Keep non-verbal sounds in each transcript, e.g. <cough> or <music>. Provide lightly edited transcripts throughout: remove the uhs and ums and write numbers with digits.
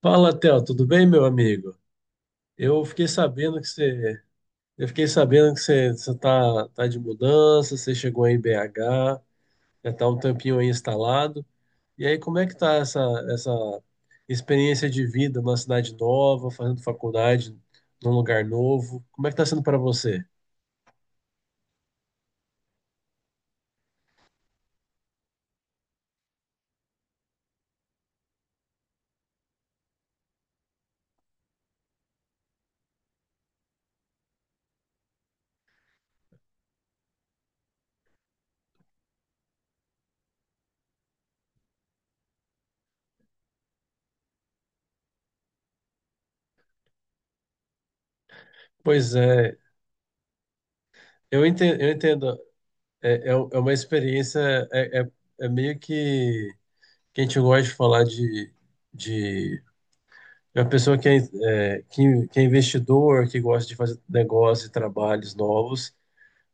Fala, Theo, tudo bem, meu amigo? Eu fiquei sabendo que você, eu fiquei sabendo que você tá de mudança, você chegou aí em BH, já tá um tempinho aí instalado. E aí, como é que tá essa experiência de vida numa cidade nova, fazendo faculdade num lugar novo? Como é que tá sendo para você? Pois é, eu entendo. É uma experiência, é, é, é meio que a gente gosta de falar de A pessoa que é, é, que é investidor, que gosta de fazer negócios e trabalhos novos,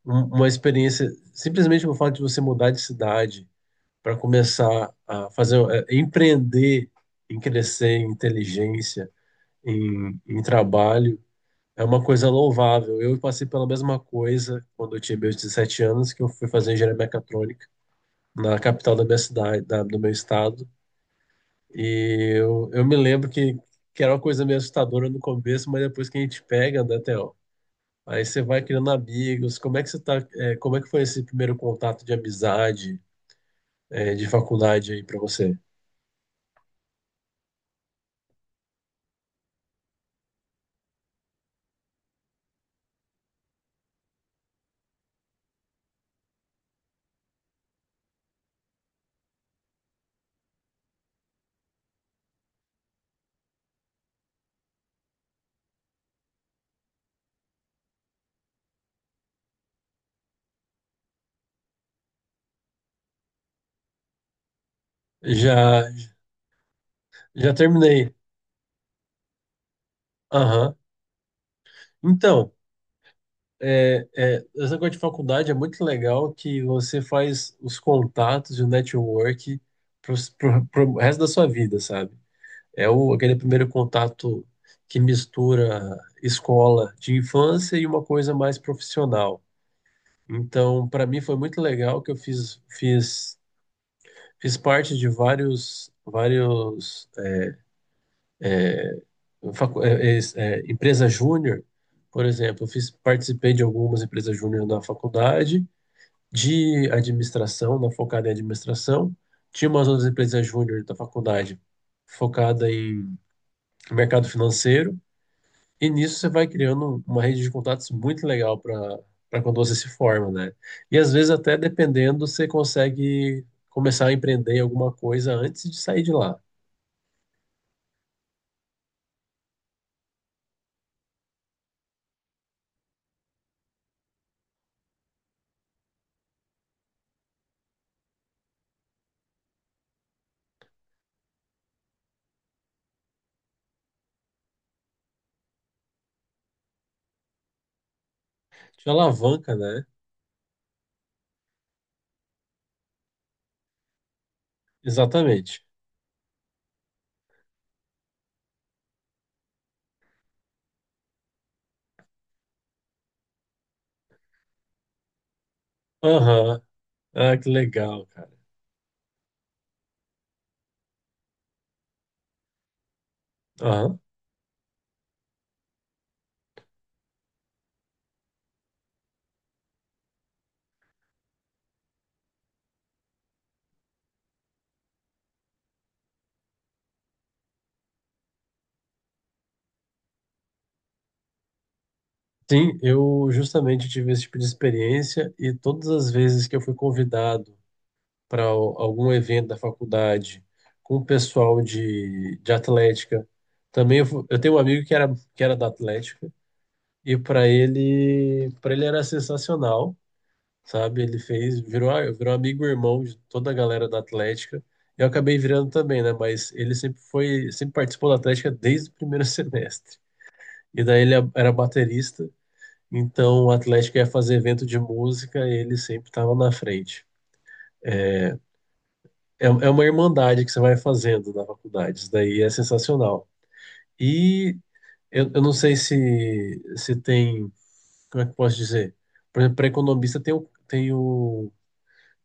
uma experiência, simplesmente o fato de você mudar de cidade para começar a fazer, empreender em crescer, em inteligência, em, em trabalho, é uma coisa louvável. Eu passei pela mesma coisa quando eu tinha meus 17 anos, que eu fui fazer engenharia mecatrônica na capital da minha cidade, do meu estado. E eu me lembro que era uma coisa meio assustadora no começo, mas depois que a gente pega, né, Theo? Aí você vai criando amigos. Como é que você tá, é, como é que foi esse primeiro contato de amizade, é, de faculdade aí pra você? Já, já terminei. Aham. Então, essa coisa de faculdade é muito legal que você faz os contatos e o network pro resto da sua vida, sabe? Aquele primeiro contato que mistura escola de infância e uma coisa mais profissional. Então, para mim foi muito legal que eu fiz parte de vários empresa júnior, por exemplo, eu fiz, participei de algumas empresas júnior na faculdade, de administração, na focada em administração, tinha umas outras empresas júnior da faculdade focada em mercado financeiro. E nisso você vai criando uma rede de contatos muito legal para quando você se forma, né? E às vezes até dependendo, você consegue começar a empreender em alguma coisa antes de sair de lá. Te alavanca, né? Exatamente. Aham. Ah, que legal, cara. Aham. Sim, eu justamente tive esse tipo de experiência e todas as vezes que eu fui convidado para algum evento da faculdade com o pessoal de atlética, também eu tenho um amigo que era da atlética. E para ele era sensacional, sabe? Ele fez, virou amigo e irmão de toda a galera da Atlética. Eu acabei virando também, né? Mas ele sempre foi, sempre participou da Atlética desde o primeiro <laughs> semestre. E daí ele era baterista, então a Atlética ia fazer evento de música e ele sempre estava na frente. É, é uma irmandade que você vai fazendo na faculdade, isso daí é sensacional. E eu não sei se tem como é que eu posso dizer? Por exemplo, para economista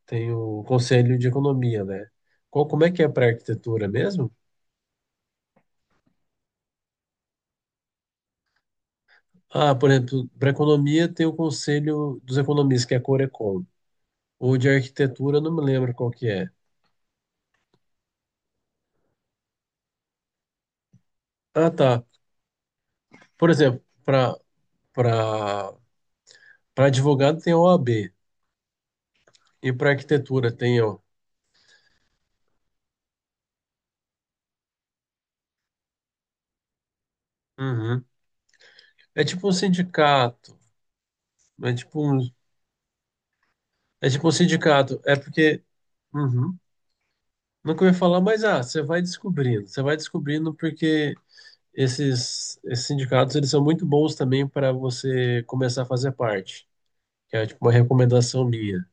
tem o Conselho de Economia, né? Qual, como é que é para arquitetura mesmo? Ah, por exemplo, para economia tem o Conselho dos Economistas, que é a Corecon. Ou de arquitetura, eu não me lembro qual que é. Ah, tá. Por exemplo, para para advogado tem a OAB e para arquitetura tem o. Uhum. É tipo um sindicato, é tipo um, é tipo um sindicato, é porque Uhum. Nunca ouvi falar, mas ah, você vai descobrindo. Você vai descobrindo porque esses sindicatos eles são muito bons também para você começar a fazer parte, que é tipo uma recomendação minha.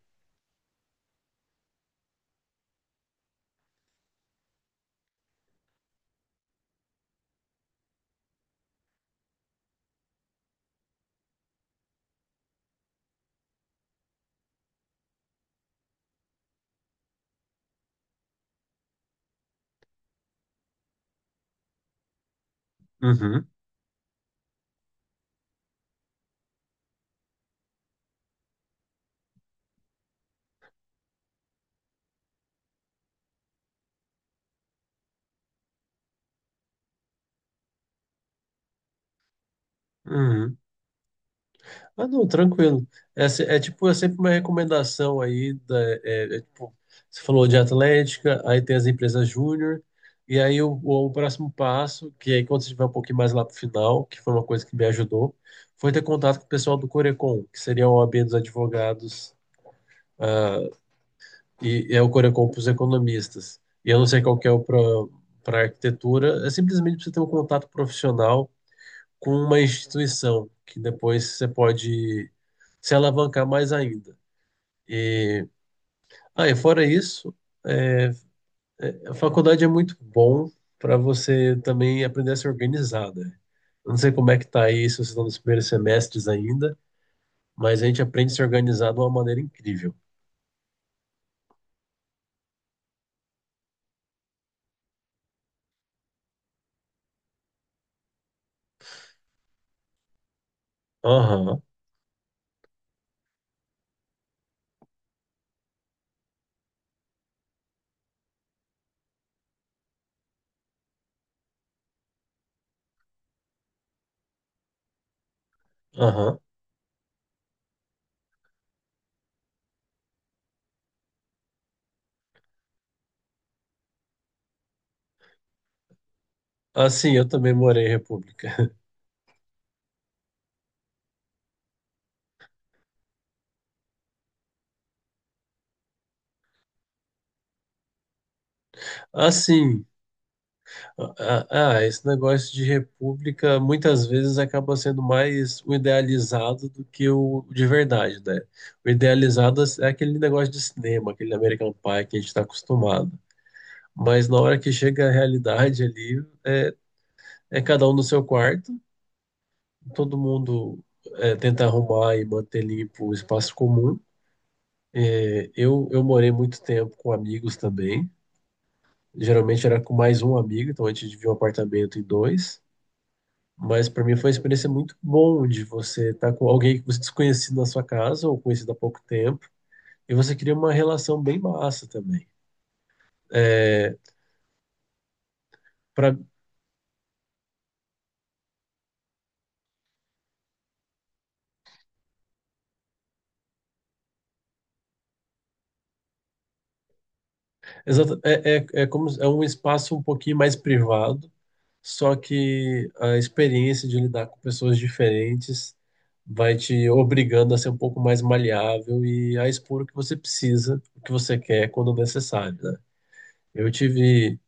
Uhum, uhum. Ah, não, tranquilo. É, se- é tipo, é sempre uma recomendação aí é, é, tipo, você falou de Atlética, aí tem as empresas júnior, e aí próximo passo, que aí quando você estiver um pouquinho mais lá pro final, que foi uma coisa que me ajudou, foi ter contato com o pessoal do Corecon, que seria a OAB dos advogados. Ah, e é o Corecon para os economistas. E eu não sei qual que é o para arquitetura, é simplesmente você ter um contato profissional com uma instituição, que depois você pode se alavancar mais ainda. E, ah, e fora isso, é, a faculdade é muito bom para você também aprender a se organizar, né? Eu não sei como é que tá aí, se vocês estão nos primeiros semestres ainda, mas a gente aprende a se organizar de uma maneira incrível. Aham, aham. Assim, eu também morei em República. Assim, ah, ah, esse negócio de república muitas vezes acaba sendo mais o idealizado do que o de verdade, né? O idealizado é aquele negócio de cinema, aquele American Pie que a gente está acostumado. Mas na hora que chega a realidade ali, é, é cada um no seu quarto, todo mundo é, tenta arrumar e manter limpo o espaço comum. É, eu morei muito tempo com amigos também. Geralmente era com mais um amigo, então a gente dividia um apartamento em dois. Mas para mim foi uma experiência muito bom de você estar com alguém que você desconhecido na sua casa ou conhecido há pouco tempo e você cria uma relação bem massa também. É, pra, exato, é como é um espaço um pouquinho mais privado, só que a experiência de lidar com pessoas diferentes vai te obrigando a ser um pouco mais maleável e a expor o que você precisa, o que você quer quando necessário, né? Eu tive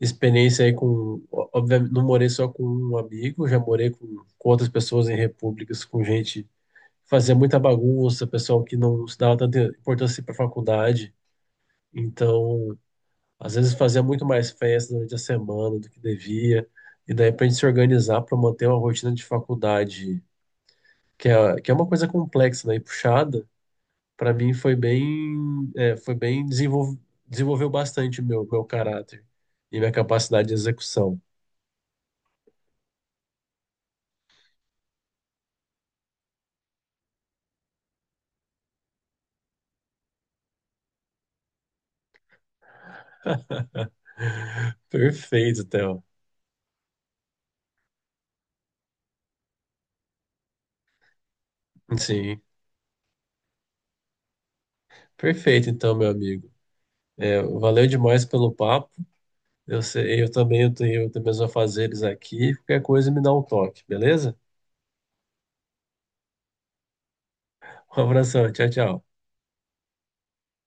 experiência aí com. Ó, obviamente, não morei só com um amigo, já morei com outras pessoas em repúblicas, com gente que fazia muita bagunça, pessoal que não se dava tanta importância para faculdade. Então, às vezes fazia muito mais festa durante a semana do que devia. E daí, para a gente se organizar para manter uma rotina de faculdade, que é uma coisa complexa, né, e puxada, para mim foi bem, é, foi bem desenvolveu bastante o meu caráter e minha capacidade de execução. <laughs> Perfeito, Theo. Sim, perfeito, então, meu amigo. É, valeu demais pelo papo. Eu sei, eu também tenho meus afazeres aqui. Qualquer coisa me dá um toque, beleza? Um abração, tchau, tchau.